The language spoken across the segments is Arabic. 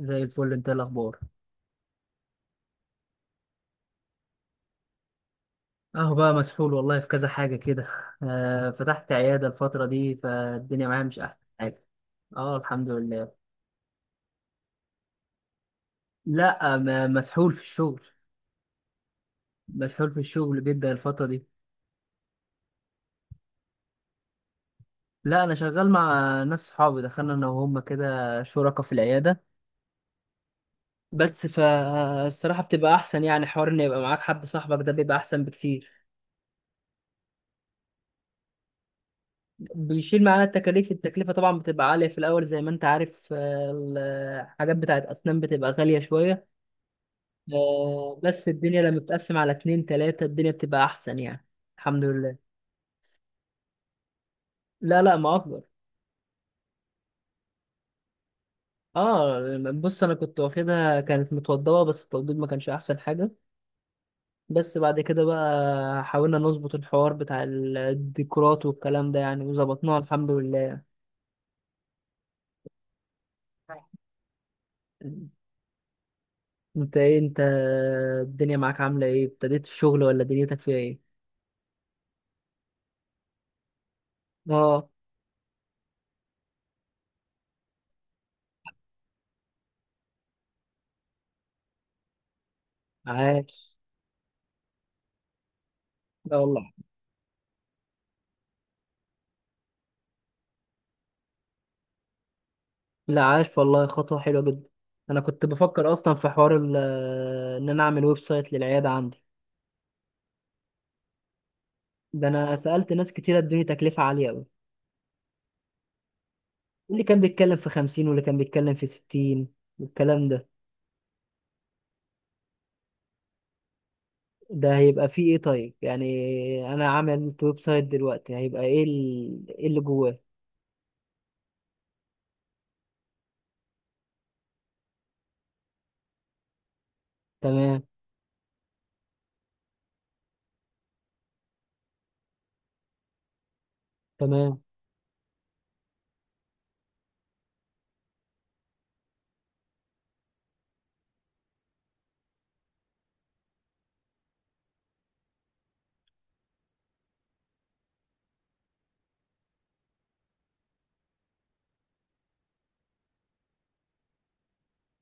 زي الفل، انت ايه الاخبار؟ اهو بقى مسحول والله، في كذا حاجه كده. آه، فتحت عياده الفتره دي، فالدنيا معايا مش احسن حاجه. اه، الحمد لله. لا، مسحول في الشغل. مسحول في الشغل جدا الفتره دي. لا، انا شغال مع ناس صحابي، دخلنا انا وهم كده شركاء في العياده. بس فالصراحه بتبقى احسن، يعني حوار ان يبقى معاك حد صاحبك ده بيبقى احسن بكتير. بيشيل معانا التكاليف، التكلفه طبعا بتبقى عاليه في الاول زي ما انت عارف الحاجات بتاعت اسنان بتبقى غاليه شويه. آه، بس الدنيا لما بتقسم على اتنين تلاتة الدنيا بتبقى أحسن يعني. الحمد لله. لا لا، ما أكبر. اه. بص، أنا كنت واخدها كانت متوضبة بس التوضيب ما كانش أحسن حاجة. بس بعد كده بقى حاولنا نظبط الحوار بتاع الديكورات والكلام ده، يعني وظبطناه الحمد لله يعني. انت ايه انت؟ الدنيا معاك عاملة ايه، ابتديت في الشغل ولا دنيتك فيها ايه؟ اه. عاش. لا والله. لا، عاش والله، خطوة حلوة جدا. أنا كنت بفكر أصلا في حوار إن أنا أعمل ويب سايت للعيادة عندي. ده أنا سألت ناس كتير ادوني تكلفة عالية أوي. اللي كان بيتكلم في 50 واللي كان بيتكلم في 60 والكلام ده. ده هيبقى فيه إيه؟ طيب، يعني أنا عامل ويب سايت دلوقتي هيبقى إيه إيه اللي جواه؟ تمام. تمام.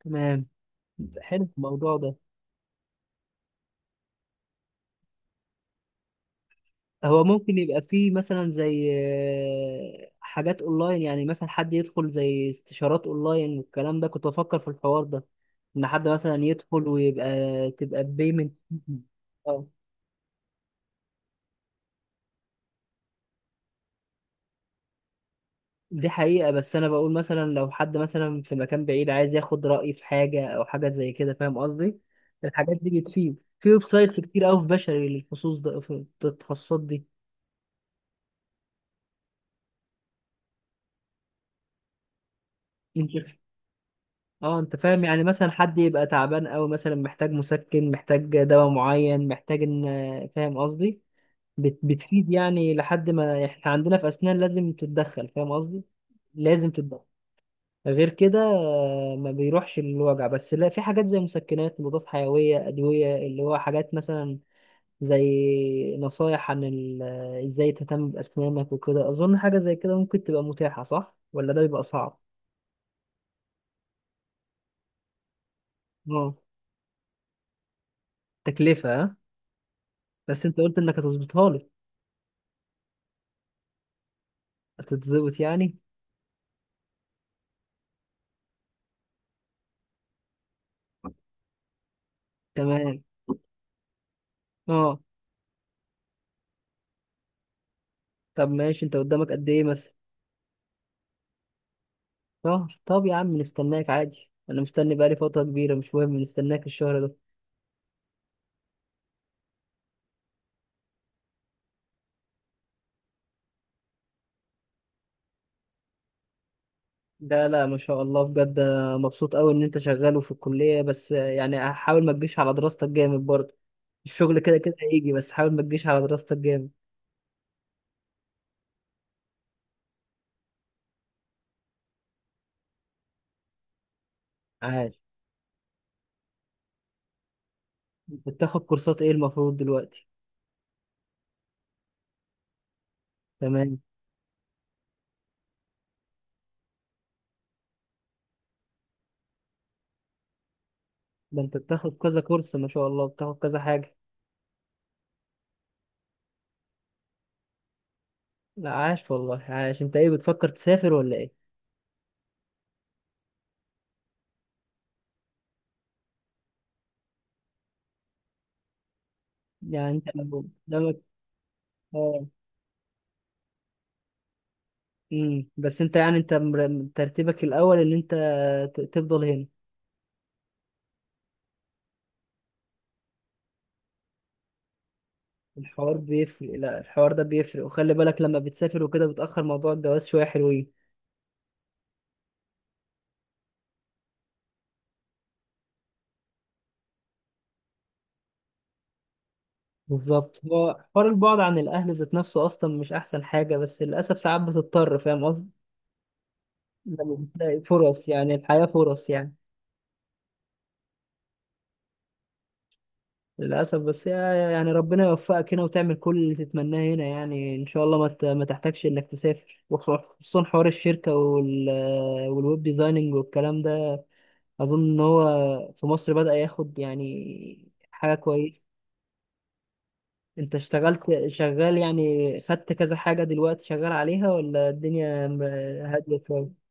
تمام. حلو الموضوع ده. هو ممكن يبقى فيه مثلا زي حاجات اونلاين، يعني مثلا حد يدخل زي استشارات اونلاين والكلام ده، كنت بفكر في الحوار ده، ان حد مثلا يدخل ويبقى تبقى بيمنت. اه، دي حقيقة، بس انا بقول مثلا لو حد مثلا في مكان بعيد عايز ياخد رأيي في حاجة او حاجة زي كده، فاهم قصدي؟ الحاجات دي بتفيد في ويب سايتس كتير قوي، في بشري للخصوص ده في التخصصات دي. انت، اه انت فاهم، يعني مثلا حد يبقى تعبان قوي مثلا، محتاج مسكن، محتاج دواء معين، محتاج ان، فاهم قصدي؟ بتفيد يعني، لحد ما احنا عندنا في اسنان لازم تتدخل، فاهم قصدي؟ لازم تتدخل. غير كده ما بيروحش الوجع، بس لا في حاجات زي مسكنات، مضادات حيوية، ادوية، اللي هو حاجات مثلا زي نصايح عن ازاي تهتم باسنانك وكده، اظن حاجة زي كده ممكن تبقى متاحة، صح ولا ده بيبقى صعب؟ اه. تكلفة ها؟ بس انت قلت انك هتظبطها لي. هتتظبط يعني. تمام. اه، طب ماشي، انت قدامك قد ايه مثلا؟ شهر؟ طب يا عم نستناك عادي، انا مستني بقالي فترة كبيرة، مش مهم نستناك الشهر ده. لا لا، ما شاء الله، بجد أنا مبسوط قوي ان انت شغال وفي الكلية، بس يعني حاول ما تجيش على دراستك جامد برضه. الشغل كده كده هيجي، بس حاول ما تجيش على دراستك جامد. عاش. بتاخد كورسات ايه المفروض دلوقتي؟ تمام. ده انت بتاخد كذا كورس، ما شاء الله، بتاخد كذا حاجة. لا، عاش والله، عاش. انت ايه، بتفكر تسافر ولا ايه؟ يعني انت لو قدامك. اه. بس انت يعني، انت ترتيبك الاول ان انت تفضل هنا. الحوار بيفرق، لا الحوار ده بيفرق، وخلي بالك لما بتسافر وكده بتأخر موضوع الجواز شوية حلوين. بالظبط، هو حوار البعد عن الاهل ذات نفسه اصلا مش احسن حاجة، بس للاسف ساعات بتضطر، فاهم قصدي؟ لما بتلاقي فرص، يعني الحياة فرص يعني. للاسف، بس يعني ربنا يوفقك هنا وتعمل كل اللي تتمناه هنا، يعني ان شاء الله ما ما تحتاجش انك تسافر، وخصوصا حوار الشركة والويب ديزايننج والكلام ده. أظن إن هو في مصر بدأ ياخد يعني حاجة كويسة. أنت اشتغلت، شغال يعني، خدت كذا حاجة دلوقتي شغال عليها، ولا الدنيا هادية شوية؟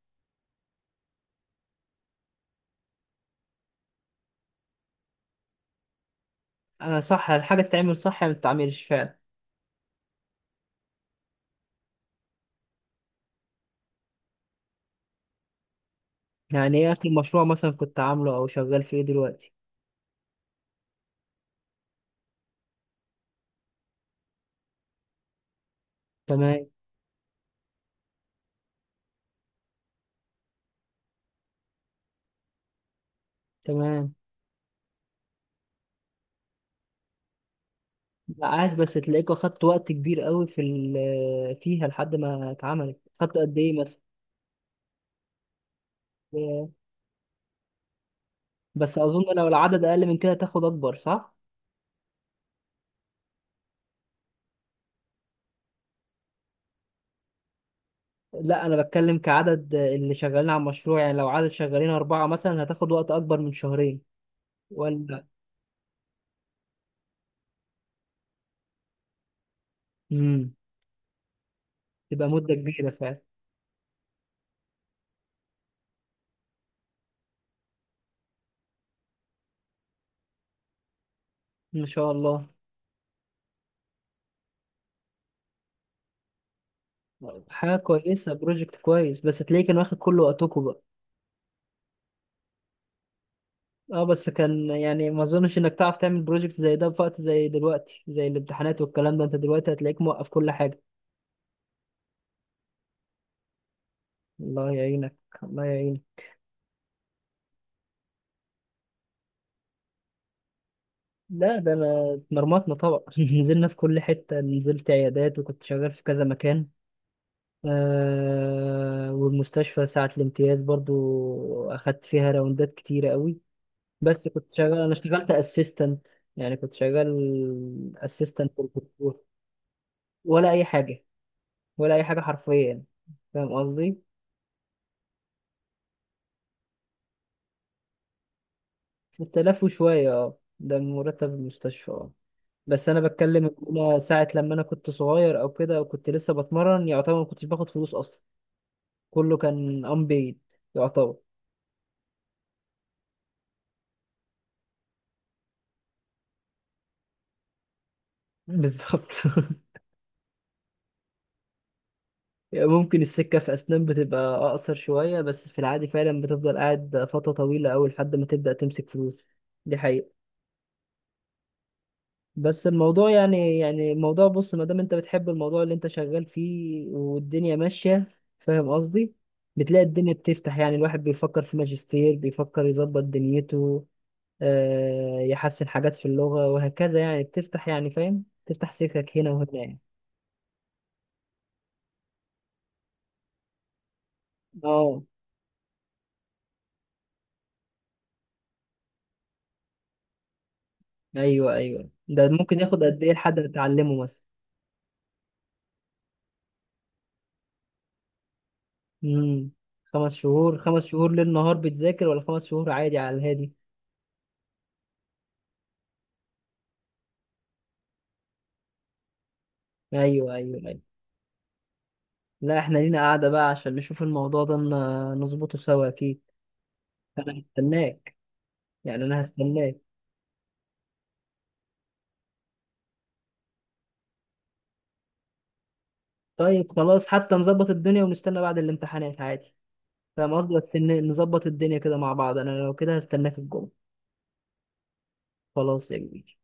أنا، صح الحاجة تتعمل صح يعني، ما تتعملش فعلا. يعني إيه آخر مشروع مثلا كنت عامله أو شغال فيه دلوقتي؟ تمام. تمام. لا، عاش، بس تلاقيك أخدت وقت كبير قوي في فيها لحد ما اتعملت، خدت قد إيه مثلا؟ بس أظن لو العدد أقل من كده تاخد أكبر، صح؟ لا، انا بتكلم كعدد اللي شغالين على المشروع، يعني لو عدد شغالين اربعة مثلا هتاخد وقت اكبر من شهرين ولا؟ امم تبقى مدة كبيرة فعلا. ما شاء الله. حاجة كويسة، بروجكت كويس، بس هتلاقيه كان واخد كل وقتكم بقى. اه، بس كان يعني ما اظنش انك تعرف تعمل بروجكت زي ده في وقت زي دلوقتي، زي الامتحانات والكلام ده، انت دلوقتي هتلاقيك موقف كل حاجة. الله يعينك. الله يعينك. لا، ده انا اتمرمطنا طبعا، نزلنا في كل حتة، نزلت عيادات وكنت شغال في كذا مكان. آه، والمستشفى ساعة الامتياز برضو أخدت فيها راوندات كتيرة قوي. بس كنت شغال، أنا اشتغلت أسيستنت، يعني كنت شغال أسيستنت للدكتور. ولا أي حاجة. ولا أي حاجة حرفيا، فاهم قصدي؟ 6000 وشوية، اه ده مرتب المستشفى اه. بس أنا بتكلم إن أنا ساعة لما أنا كنت صغير أو كده وكنت لسه بتمرن، يعتبر ما كنتش باخد فلوس أصلا. كله كان unpaid يعتبر. بالظبط. يعني ممكن السكة في أسنان بتبقى أقصر شوية، بس في العادي فعلا بتفضل قاعد فترة طويلة أوي لحد ما تبدأ تمسك فلوس. دي حقيقة. بس الموضوع يعني الموضوع بص، ما دام أنت بتحب الموضوع اللي أنت شغال فيه والدنيا ماشية، فاهم قصدي، بتلاقي الدنيا بتفتح. يعني الواحد بيفكر في ماجستير، بيفكر يظبط دنيته، آه يحسن حاجات في اللغة وهكذا، يعني بتفتح يعني، فاهم، تفتح سكك هنا وهنا يعني. اه. ايوه ايوه، ده ممكن ياخد قد ايه لحد ما تتعلمه مثلا؟ امم 5 شهور؟ 5 شهور ليل نهار بتذاكر ولا 5 شهور عادي على الهادي؟ ايوه ايوه ايوه. لا، احنا لينا قاعدة بقى عشان نشوف الموضوع ده نظبطه سوا، اكيد. انا هستناك. يعني انا هستناك. طيب خلاص، حتى نظبط الدنيا ونستنى بعد الامتحانات عادي، فاهم قصدي، بس نظبط الدنيا كده مع بعض. انا لو كده هستناك الجمعة. خلاص يا كبير.